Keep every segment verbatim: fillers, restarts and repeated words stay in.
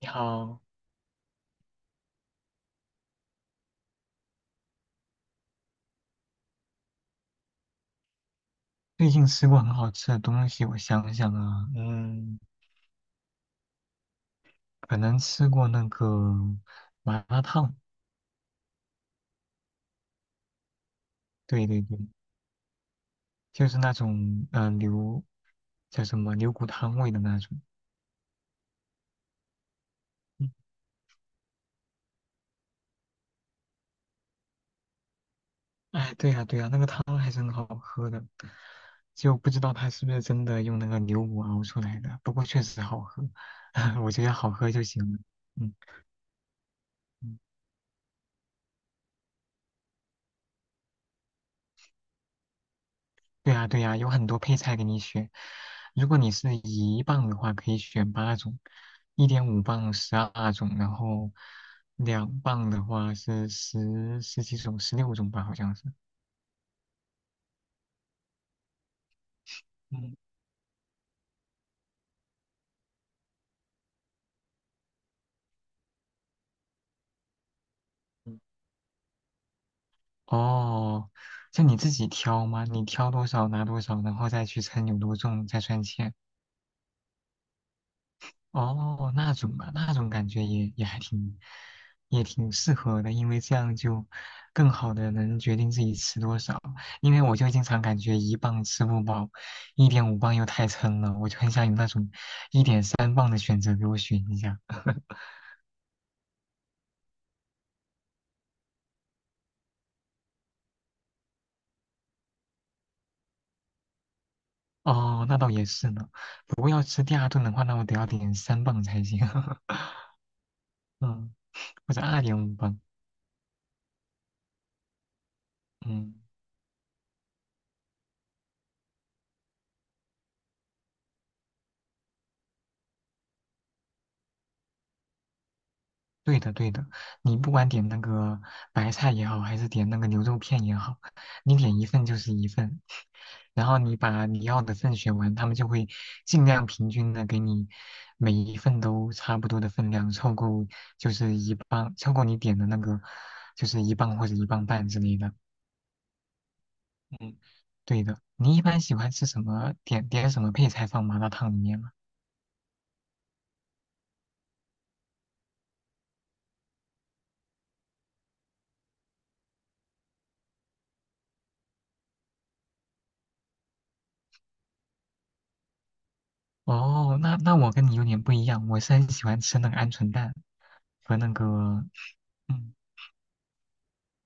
你好，最近吃过很好吃的东西，我想想啊，嗯，可能吃过那个麻辣烫。对对对，就是那种嗯、呃牛叫什么牛骨汤味的那种。嗯哎，对呀、对呀、那个汤还是很好喝的，就不知道它是不是真的用那个牛骨熬出来的，不过确实好喝。我觉得好喝就行了。嗯嗯。对呀，对呀，有很多配菜给你选。如果你是一磅的话，可以选八种；一点五磅十二种，然后两磅的话是十十几种，十六种吧，好像是。嗯，哦，就你自己挑吗？你挑多少拿多少，然后再去称有多重，再算钱。哦，那种吧，那种感觉也也还挺，也挺适合的，因为这样就更好的能决定自己吃多少。因为我就经常感觉一磅吃不饱，一点五磅又太撑了，我就很想有那种一点三磅的选择给我选一下。哦，那倒也是呢。不过要吃第二顿的话，那我得要点三磅才行。嗯，或者二点五磅。嗯。对的，对的，你不管点那个白菜也好，还是点那个牛肉片也好，你点一份就是一份，然后你把你要的份选完，他们就会尽量平均的给你每一份都差不多的分量，凑够就是一磅，凑够你点的那个就是一磅或者一磅半之类的。嗯，对的，你一般喜欢吃什么？点点什么配菜放麻辣烫里面吗？哦，那那我跟你有点不一样，我是很喜欢吃那个鹌鹑蛋和那个嗯，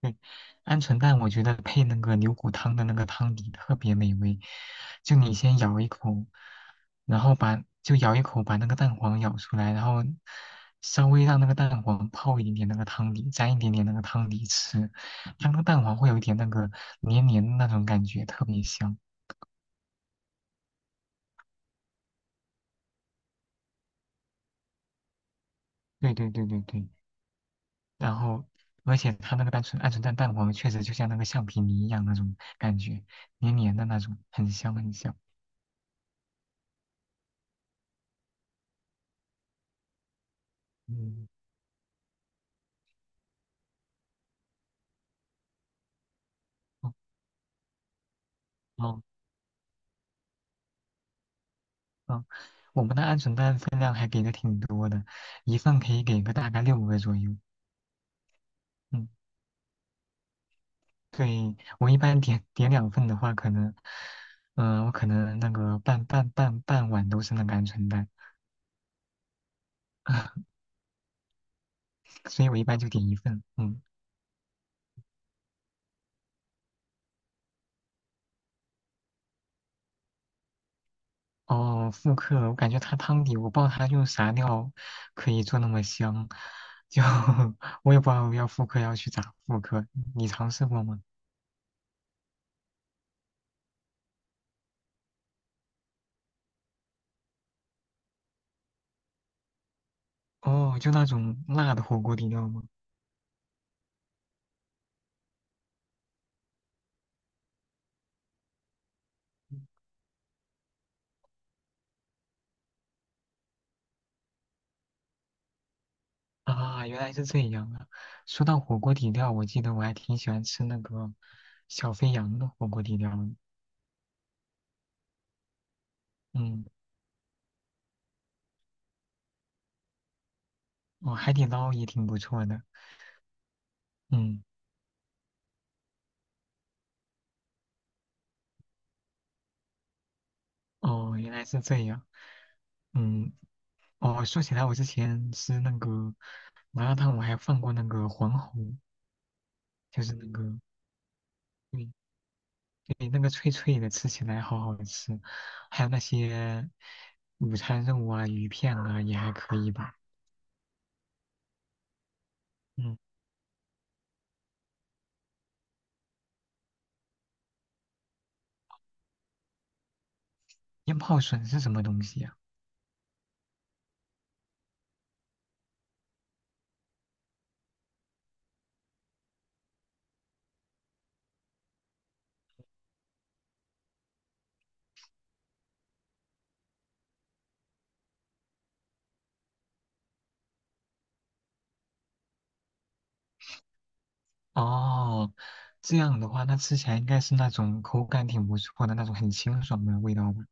对，鹌鹑蛋我觉得配那个牛骨汤的那个汤底特别美味。就你先咬一口，然后把就咬一口把那个蛋黄咬出来，然后稍微让那个蛋黄泡一点点那个汤底，沾一点点那个汤底吃，它那个蛋黄会有一点那个黏黏的那种感觉，特别香。对对对对对，然后而且它那个单纯鹌鹑蛋蛋黄确实就像那个橡皮泥一样那种感觉，黏黏的那种，很香很香。嗯。哦，哦嗯，我们的鹌鹑蛋分量还给的挺多的，一份可以给个大概六个左右。嗯，对，我一般点点两份的话，可能，嗯、我可能那个半半半半碗都是那个鹌鹑蛋。所以我一般就点一份。嗯，哦，复刻，我感觉它汤底，我不知道它用啥料可以做那么香，就 我也不知道要复刻要去咋复刻，你尝试过吗？哦，就那种辣的火锅底料吗？啊，原来是这样啊！说到火锅底料，我记得我还挺喜欢吃那个小肥羊的火锅底料的。嗯，哦，海底捞也挺不错的。嗯，哦，原来是这样。嗯，哦，说起来，我之前吃那个麻辣烫，我还放过那个黄喉，就是那个，对对，那个脆脆的，吃起来好好吃。还有那些午餐肉啊、鱼片啊，也还可以吧。嗯，腌泡笋是什么东西呀？哦，这样的话，那吃起来应该是那种口感挺不错的那种很清爽的味道吧？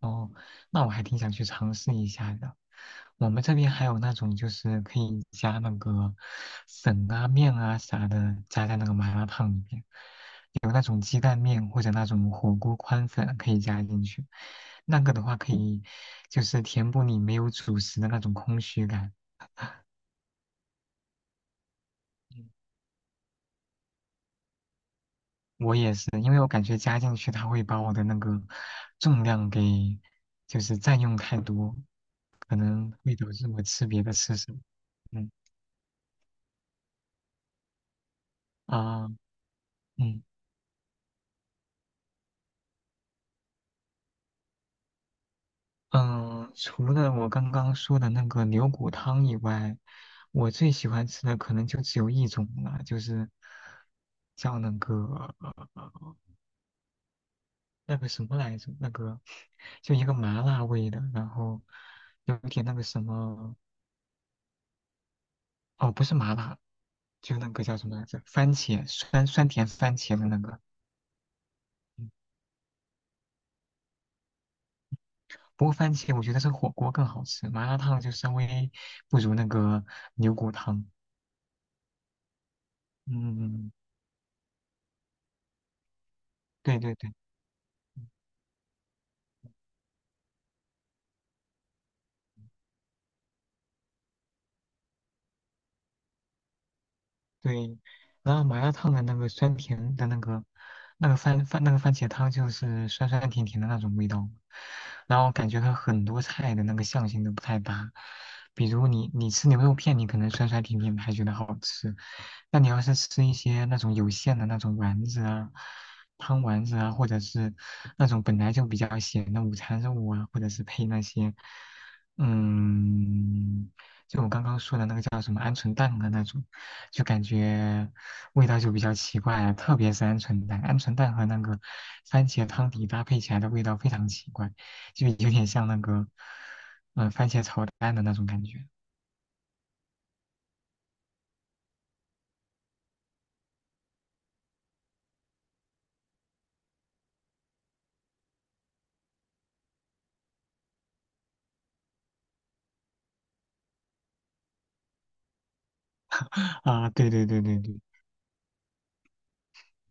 哦，那我还挺想去尝试一下的。我们这边还有那种就是可以加那个粉啊、面啊啥的，加在那个麻辣烫里面，有那种鸡蛋面或者那种火锅宽粉可以加进去。那个的话可以就是填补你没有主食的那种空虚感。我也是，因为我感觉加进去它会把我的那个重量给就是占用太多，可能会导致我吃别的吃什么。嗯啊嗯嗯，呃除了我刚刚说的那个牛骨汤以外，我最喜欢吃的可能就只有一种了，就是叫那个呃那个什么来着，那个就一个麻辣味的，然后有点那个什么。哦，不是麻辣。就那个叫什么来着？番茄酸酸甜番茄的那个。嗯不过番茄我觉得是火锅更好吃，麻辣烫就稍微不如那个牛骨汤。嗯，嗯嗯，对对对。对，然后麻辣烫的那个酸甜的那个那个番番那个番茄汤就是酸酸甜甜的那种味道，然后感觉它很多菜的那个相性都不太搭。比如你你吃牛肉片，你可能酸酸甜甜的还觉得好吃，那你要是吃一些那种有馅的那种丸子啊、汤丸子啊，或者是那种本来就比较咸的午餐肉啊，或者是配那些嗯。就我刚刚说的那个叫什么鹌鹑蛋的那种，就感觉味道就比较奇怪啊，特别是鹌鹑蛋，鹌鹑蛋和那个番茄汤底搭配起来的味道非常奇怪，就有点像那个，嗯、番茄炒蛋的那种感觉。啊，对对对对对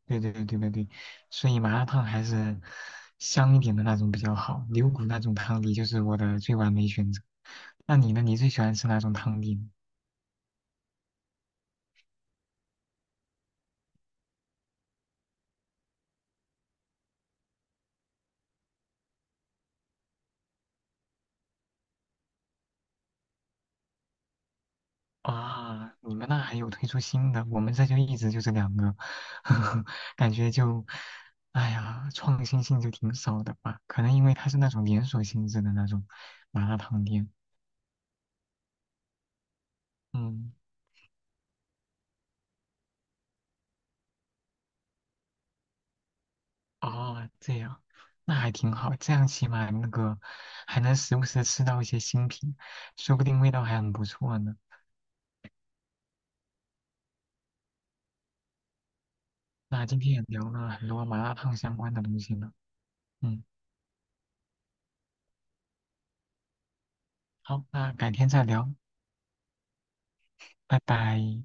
对对对对对对，所以麻辣烫还是香一点的那种比较好，牛骨那种汤底就是我的最完美选择。那你呢？你最喜欢吃哪种汤底呢？啊，你们那还有推出新的，我们这就一直就这两个。感觉就，哎呀，创新性就挺少的吧？可能因为它是那种连锁性质的那种麻辣烫店。嗯，哦，这样，那还挺好，这样起码那个还能时不时地吃到一些新品，说不定味道还很不错呢。那今天也聊了很多麻辣烫相关的东西呢。嗯，好，那改天再聊，拜拜。